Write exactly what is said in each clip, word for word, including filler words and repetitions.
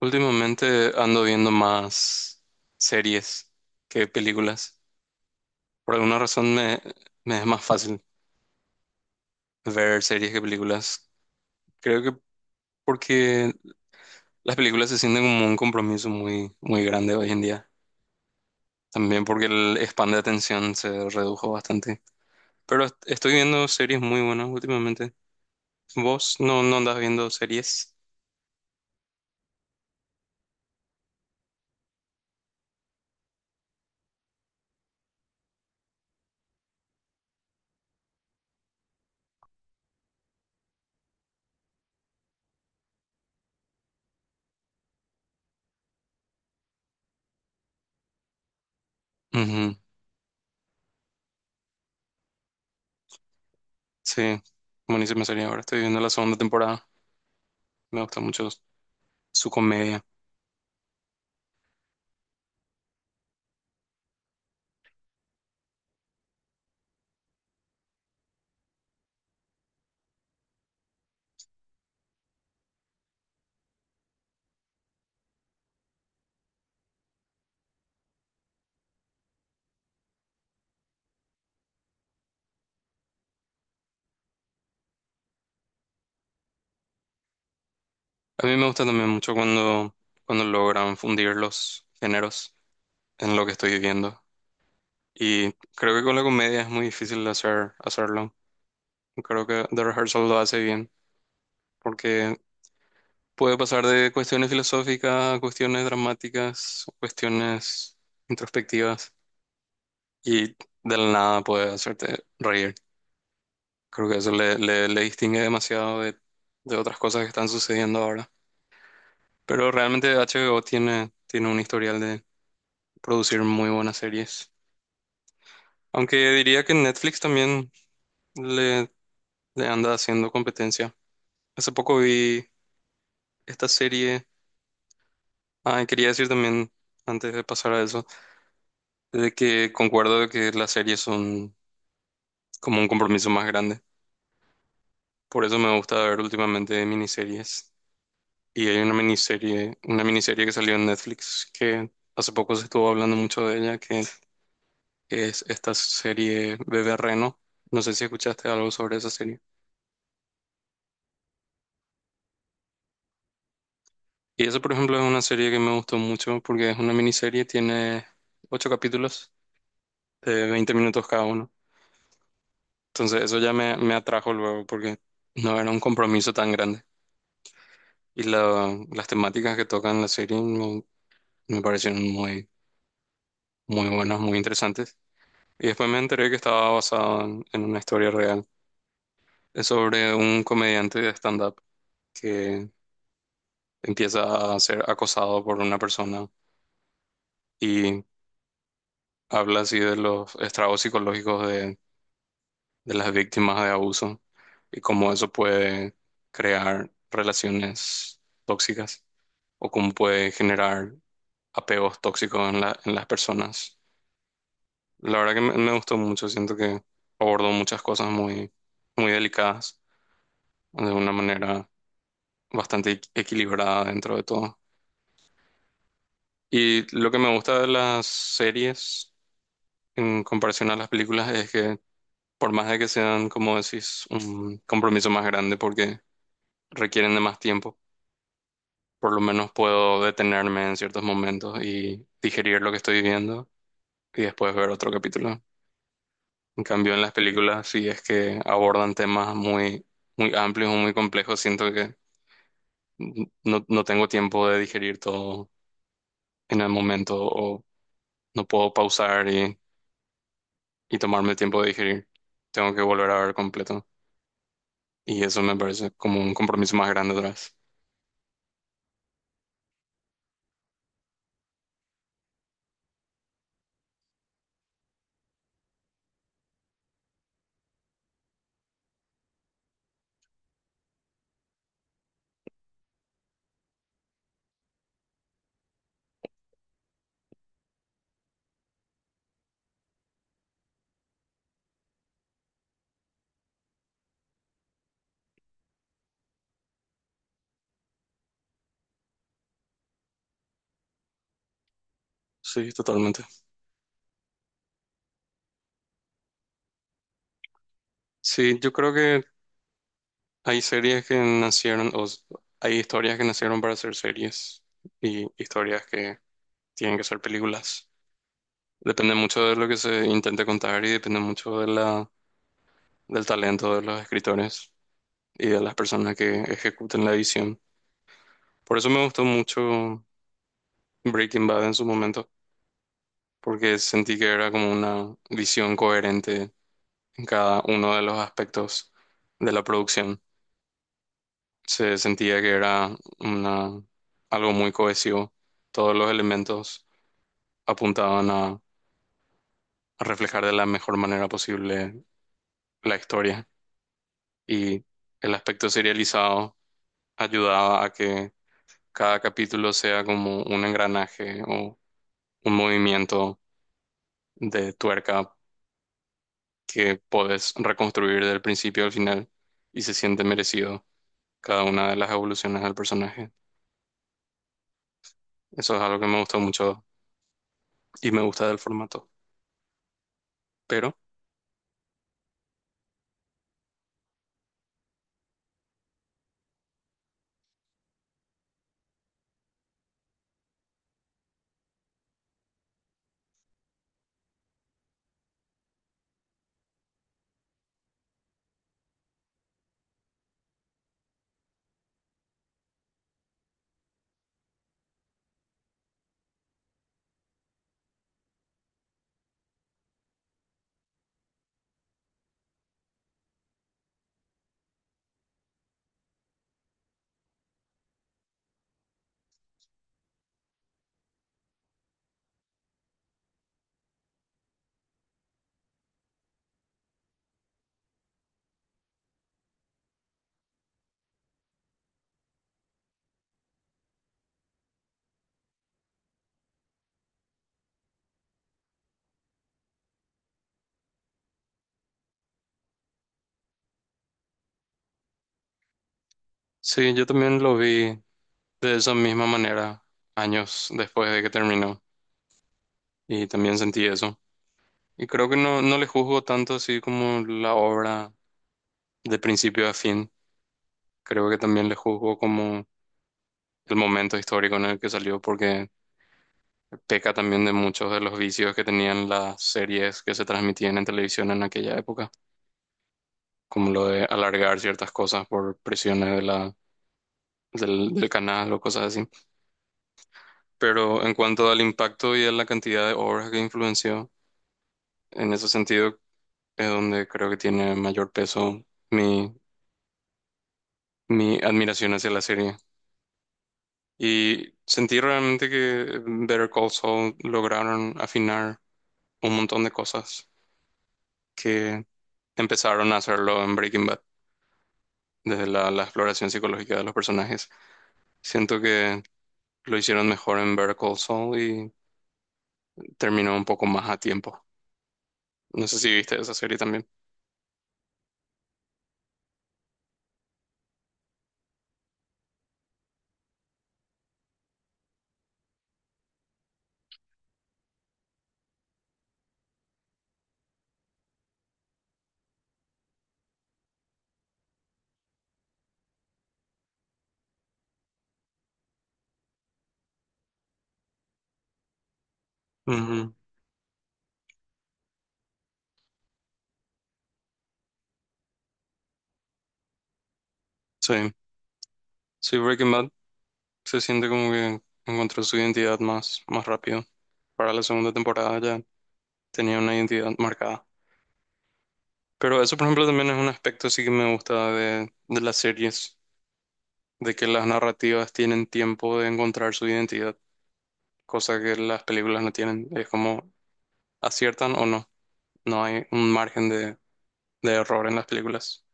Últimamente ando viendo más series que películas. Por alguna razón me, me es más fácil ver series que películas. Creo que porque las películas se sienten como un compromiso muy, muy grande hoy en día. También porque el span de atención se redujo bastante. Pero est- estoy viendo series muy buenas últimamente. ¿Vos no, no andas viendo series? Ujú. Sí, buenísima serie ahora. Estoy viendo la segunda temporada. Me gusta mucho su comedia. A mí me gusta también mucho cuando, cuando logran fundir los géneros en lo que estoy viviendo. Y creo que con la comedia es muy difícil hacer, hacerlo. Creo que The Rehearsal lo hace bien, porque puede pasar de cuestiones filosóficas a cuestiones dramáticas, cuestiones introspectivas, y de la nada puede hacerte reír. Creo que eso le, le, le distingue demasiado de, de otras cosas que están sucediendo ahora. Pero realmente H B O tiene, tiene un historial de producir muy buenas series. Aunque diría que Netflix también le, le anda haciendo competencia. Hace poco vi esta serie. Ah, y quería decir también, antes de pasar a eso, de que concuerdo de que las series son como un compromiso más grande. Por eso me gusta ver últimamente miniseries. Y hay una miniserie, una miniserie que salió en Netflix que hace poco se estuvo hablando mucho de ella, que, es esta serie Bebé Reno. No sé si escuchaste algo sobre esa serie. Y eso, por ejemplo, es una serie que me gustó mucho porque es una miniserie, tiene ocho capítulos de veinte minutos cada uno. Entonces, eso ya me, me atrajo luego porque no era un compromiso tan grande. Y la- las temáticas que tocan la serie me, me parecieron muy, muy buenas, muy interesantes. Y después me enteré que estaba basado en, en una historia real. Es sobre un comediante de stand-up que empieza a ser acosado por una persona y habla así de los estragos psicológicos de las víctimas de abuso y cómo eso puede crear relaciones tóxicas o cómo puede generar apegos tóxicos en la- en las personas. La verdad que me, me gustó mucho, siento que abordó muchas cosas muy, muy delicadas de una manera bastante equ- equilibrada dentro de todo. Y lo que me gusta de las series en comparación a las películas es que por más de que sean, como decís, un compromiso más grande porque requieren de más tiempo, por lo menos puedo detenerme en ciertos momentos y digerir lo que estoy viendo y después ver otro capítulo. En cambio, en las películas, si es que abordan temas muy, muy amplios o muy complejos, siento que no, no tengo tiempo de digerir todo en el momento o no puedo pausar y, y tomarme el tiempo de digerir. Tengo que volver a ver completo. Y eso me parece como un compromiso más grande atrás. Sí, totalmente. Sí, yo creo que Hay series que nacieron, o s- hay historias que nacieron para ser series y historias que tienen que ser películas. Depende mucho de lo que se intente contar y depende mucho de la, del talento de los escritores y de las personas que ejecuten la edición. Por eso me gustó mucho Breaking Bad en su momento, porque sentí que era como una visión coherente en cada uno de los aspectos de la producción. Se sentía que era una, algo muy cohesivo. Todos los elementos apuntaban a, a reflejar de la mejor manera posible la historia y el aspecto serializado ayudaba a que cada capítulo sea como un engranaje o un movimiento de tuerca que podés reconstruir del principio al final y se siente merecido cada una de las evoluciones del personaje. Eso es algo que me gustó mucho y me gusta del formato. Pero sí, yo también lo vi de esa misma manera años después de que terminó y también sentí eso. Y creo que no, no le juzgo tanto así como la obra de principio a fin. Creo que también le juzgo como el momento histórico en el que salió porque peca también de muchos de los vicios que tenían las series que se transmitían en televisión en aquella época, como lo de alargar ciertas cosas por presiones de la, del, del canal o cosas así. Pero en cuanto al impacto y a la cantidad de obras que influenció, en ese sentido es donde creo que tiene mayor peso mi, mi admiración hacia la serie. Y sentí realmente que Better Call Saul lograron afinar un montón de cosas que empezaron a hacerlo en Breaking Bad, desde la, la exploración psicológica de los personajes. Siento que lo hicieron mejor en Better Call Saul y terminó un poco más a tiempo. No sé si viste esa serie también. Ujú. Sí, sí, Breaking Bad se siente como que encontró su identidad más, más rápido. Para la segunda temporada ya tenía una identidad marcada. Pero eso, por ejemplo, también es un aspecto sí que me gusta de, de las series, de que las narrativas tienen tiempo de encontrar su identidad, cosa que las películas no tienen. Es como aciertan o no, no hay un margen de, de error en las películas.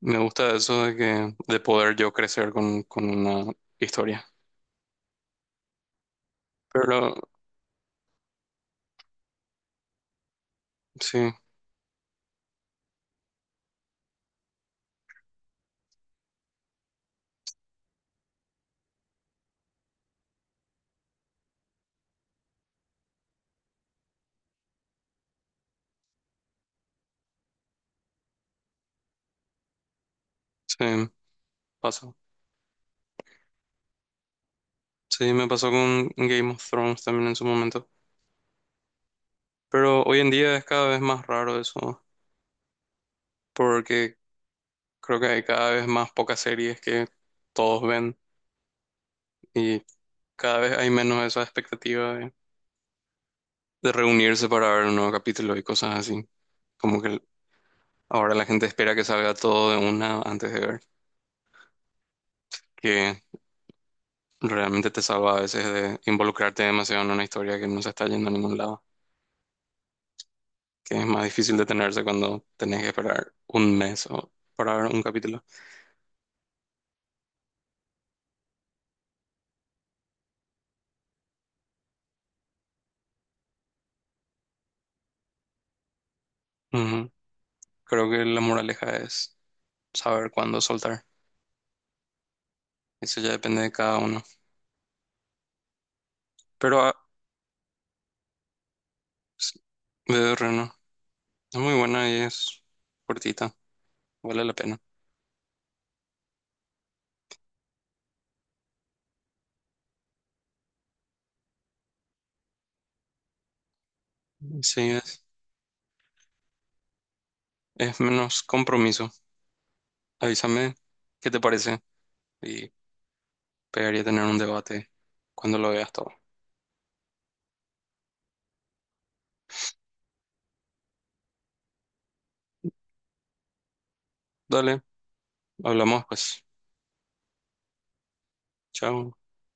Me gusta eso de que de poder yo crecer con, con una historia. Pero sí, sí, pasó. Sí, me pasó con Game of Thrones también en su momento. Pero hoy en día es cada vez más raro eso, porque creo que hay cada vez más pocas series que todos ven y cada vez hay menos esa expectativa de, de reunirse para ver un nuevo capítulo y cosas así. Como que ahora la gente espera que salga todo de una antes de ver, que realmente te salva a veces de involucrarte demasiado en una historia que no se está yendo a ningún lado, que es más difícil detenerse cuando tenés que esperar un mes o para ver un capítulo. Ujú. Creo que la moraleja es saber cuándo soltar. Eso ya depende de cada uno. Pero ah, sí, Bebé Reno. Es muy buena y es cortita. Vale la pena. Sí, es, es menos compromiso. Avísame qué te parece y pegaría tener un debate cuando lo veas todo. Dale, hablamos pues. Chao.